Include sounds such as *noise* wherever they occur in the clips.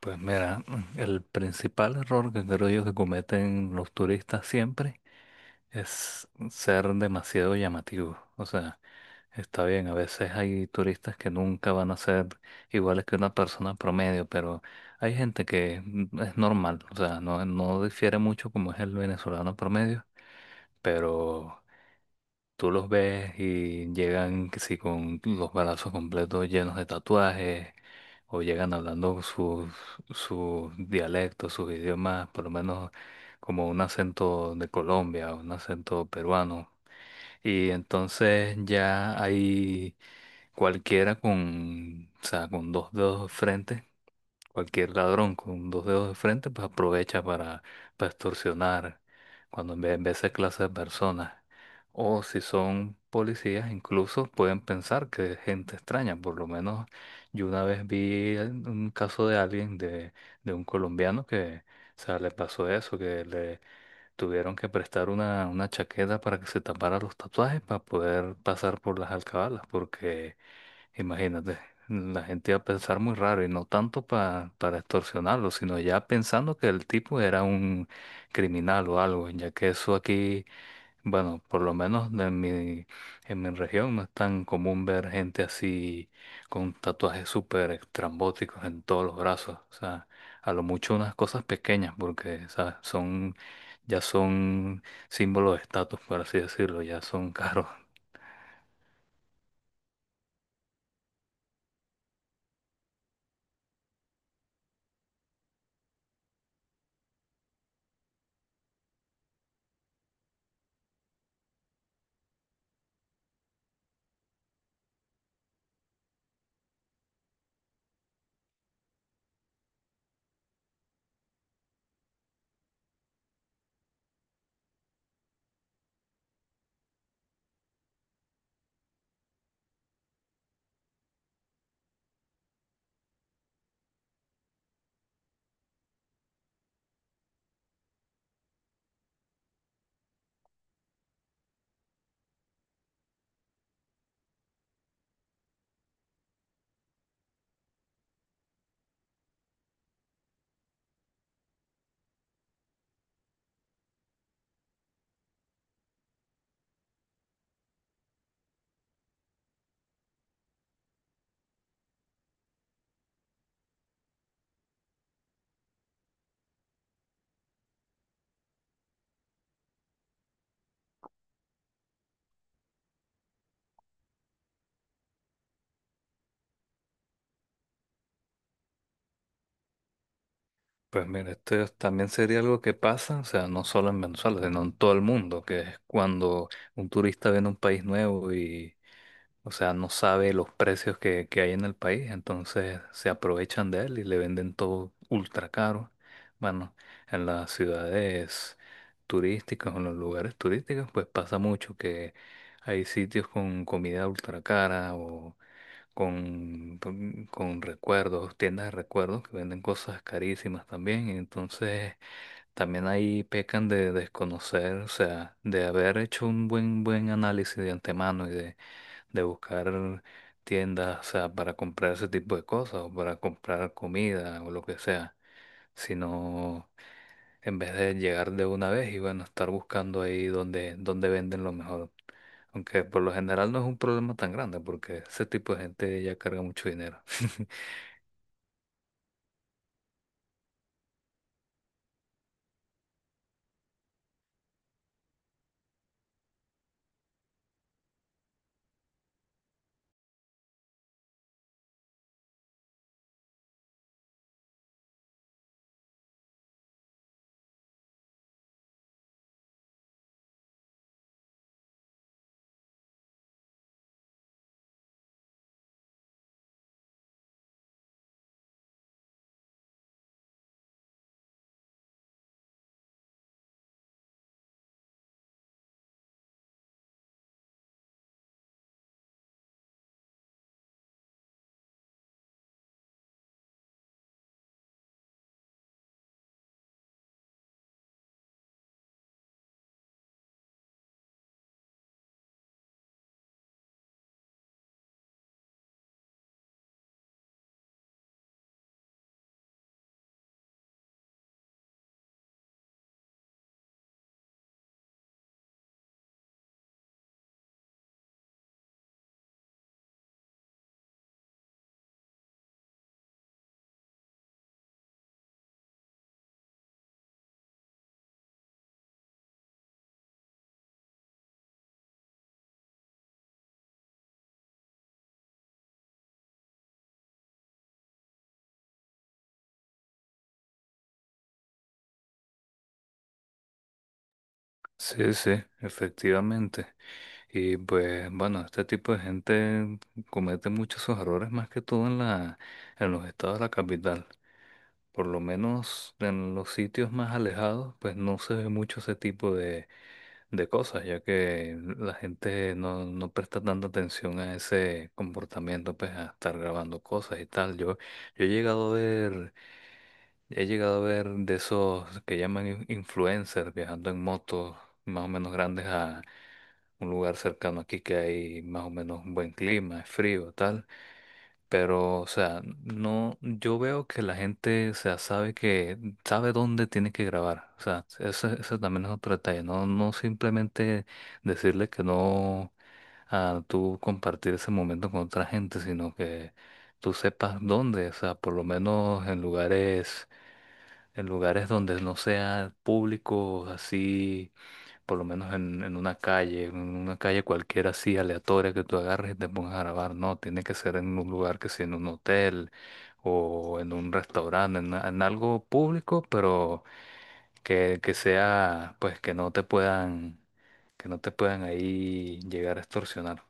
Pues mira, el principal error que creo yo que cometen los turistas siempre es ser demasiado llamativos. O sea, está bien, a veces hay turistas que nunca van a ser iguales que una persona promedio, pero hay gente que es normal, o sea, no difiere mucho como es el venezolano promedio, pero Tú los ves y llegan que si con los balazos completos llenos de tatuajes o llegan hablando sus dialectos, sus idiomas, por lo menos como un acento de Colombia, un acento peruano. Y entonces ya hay cualquiera con, o sea, con dos dedos frentes Cualquier ladrón con dos dedos de frente, pues aprovecha para extorsionar cuando ve esa clase de personas. O si son policías, incluso pueden pensar que es gente extraña. Por lo menos yo una vez vi un caso de de un colombiano, que o sea, le pasó eso, Tuvieron que prestar una chaqueta para que se tapara los tatuajes para poder pasar por las alcabalas, porque imagínate, la gente iba a pensar muy raro y no tanto para extorsionarlo, sino ya pensando que el tipo era un criminal o algo, ya que eso aquí, bueno, por lo menos en mi región no es tan común ver gente así con tatuajes súper estrambóticos en todos los brazos, o sea, a lo mucho unas cosas pequeñas, porque, ¿sabes? Son símbolos de estatus, por así decirlo, ya son caros. Pues mira, también sería algo que pasa, o sea, no solo en Venezuela, sino en todo el mundo, que es cuando un turista viene a un país nuevo o sea, no sabe los precios que hay en el país, entonces se aprovechan de él y le venden todo ultra caro. Bueno, en las ciudades turísticas o en los lugares turísticos, pues pasa mucho que hay sitios con comida ultra cara o con recuerdos, tiendas de recuerdos que venden cosas carísimas también. Entonces, también ahí pecan de desconocer, o sea, de haber hecho un buen análisis de antemano de buscar tiendas, o sea, para comprar ese tipo de cosas o para comprar comida o lo que sea, sino en vez de llegar de una vez y bueno, estar buscando ahí donde venden lo mejor. Aunque por lo general no es un problema tan grande porque ese tipo de gente ya carga mucho dinero. *laughs* Sí, sí, efectivamente. Y pues bueno, este tipo de gente comete muchos sus errores más que todo en los estados de la capital. Por lo menos en los sitios más alejados, pues no se ve mucho ese tipo de cosas, ya que la gente no presta tanta atención a ese comportamiento, pues a estar grabando cosas y tal. Yo he llegado a ver, he llegado a ver de esos que llaman influencers viajando en motos más o menos grandes a un lugar cercano aquí que hay más o menos un buen clima, es frío, tal. Pero, o sea, no, yo veo que la gente, o sea, sabe dónde tiene que grabar. O sea, ese también es otro detalle. No simplemente decirle que no a tú compartir ese momento con otra gente, sino que tú sepas dónde. O sea, por lo menos en lugares donde no sea público, así, por lo menos en una calle cualquiera así aleatoria que tú agarres y te pongas a grabar. No, tiene que ser en un lugar que sea en un hotel o en un restaurante, en algo público, pero que sea, pues que no te puedan ahí llegar a extorsionar.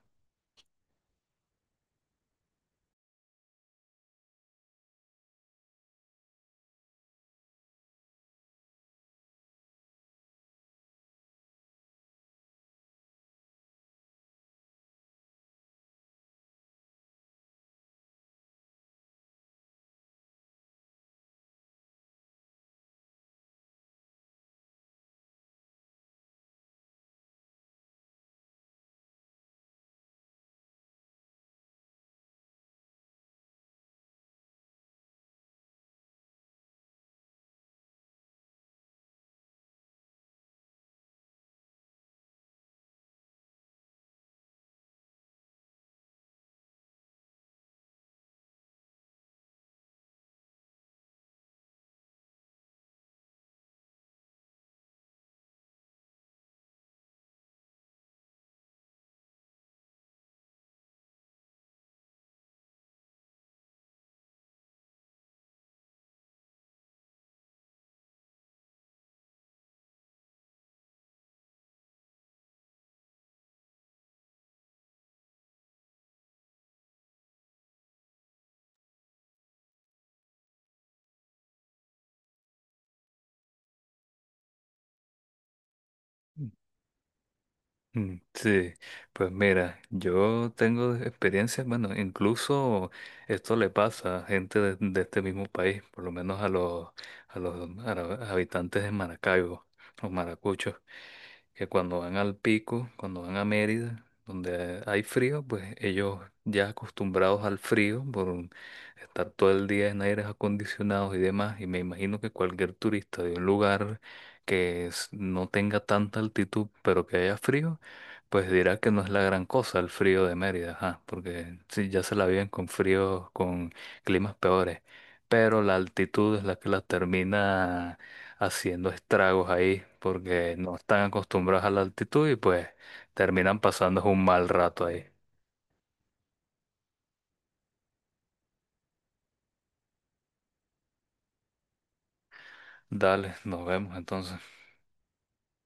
Mm, sí, pues mira, yo tengo experiencias, bueno, incluso esto le pasa a gente de este mismo país, por lo menos a los habitantes de Maracaibo, los maracuchos, que cuando van al pico, cuando van a Mérida, donde hay frío, pues ellos ya acostumbrados al frío estar todo el día en aires acondicionados y demás, y me imagino que cualquier turista de un lugar no tenga tanta altitud, pero que haya frío, pues dirá que no es la gran cosa el frío de Mérida, ajá, porque sí, ya se la viven con fríos, con climas peores, pero la altitud es la que la termina haciendo estragos ahí, porque no están acostumbrados a la altitud y pues terminan pasando un mal rato ahí. Dale, nos vemos entonces.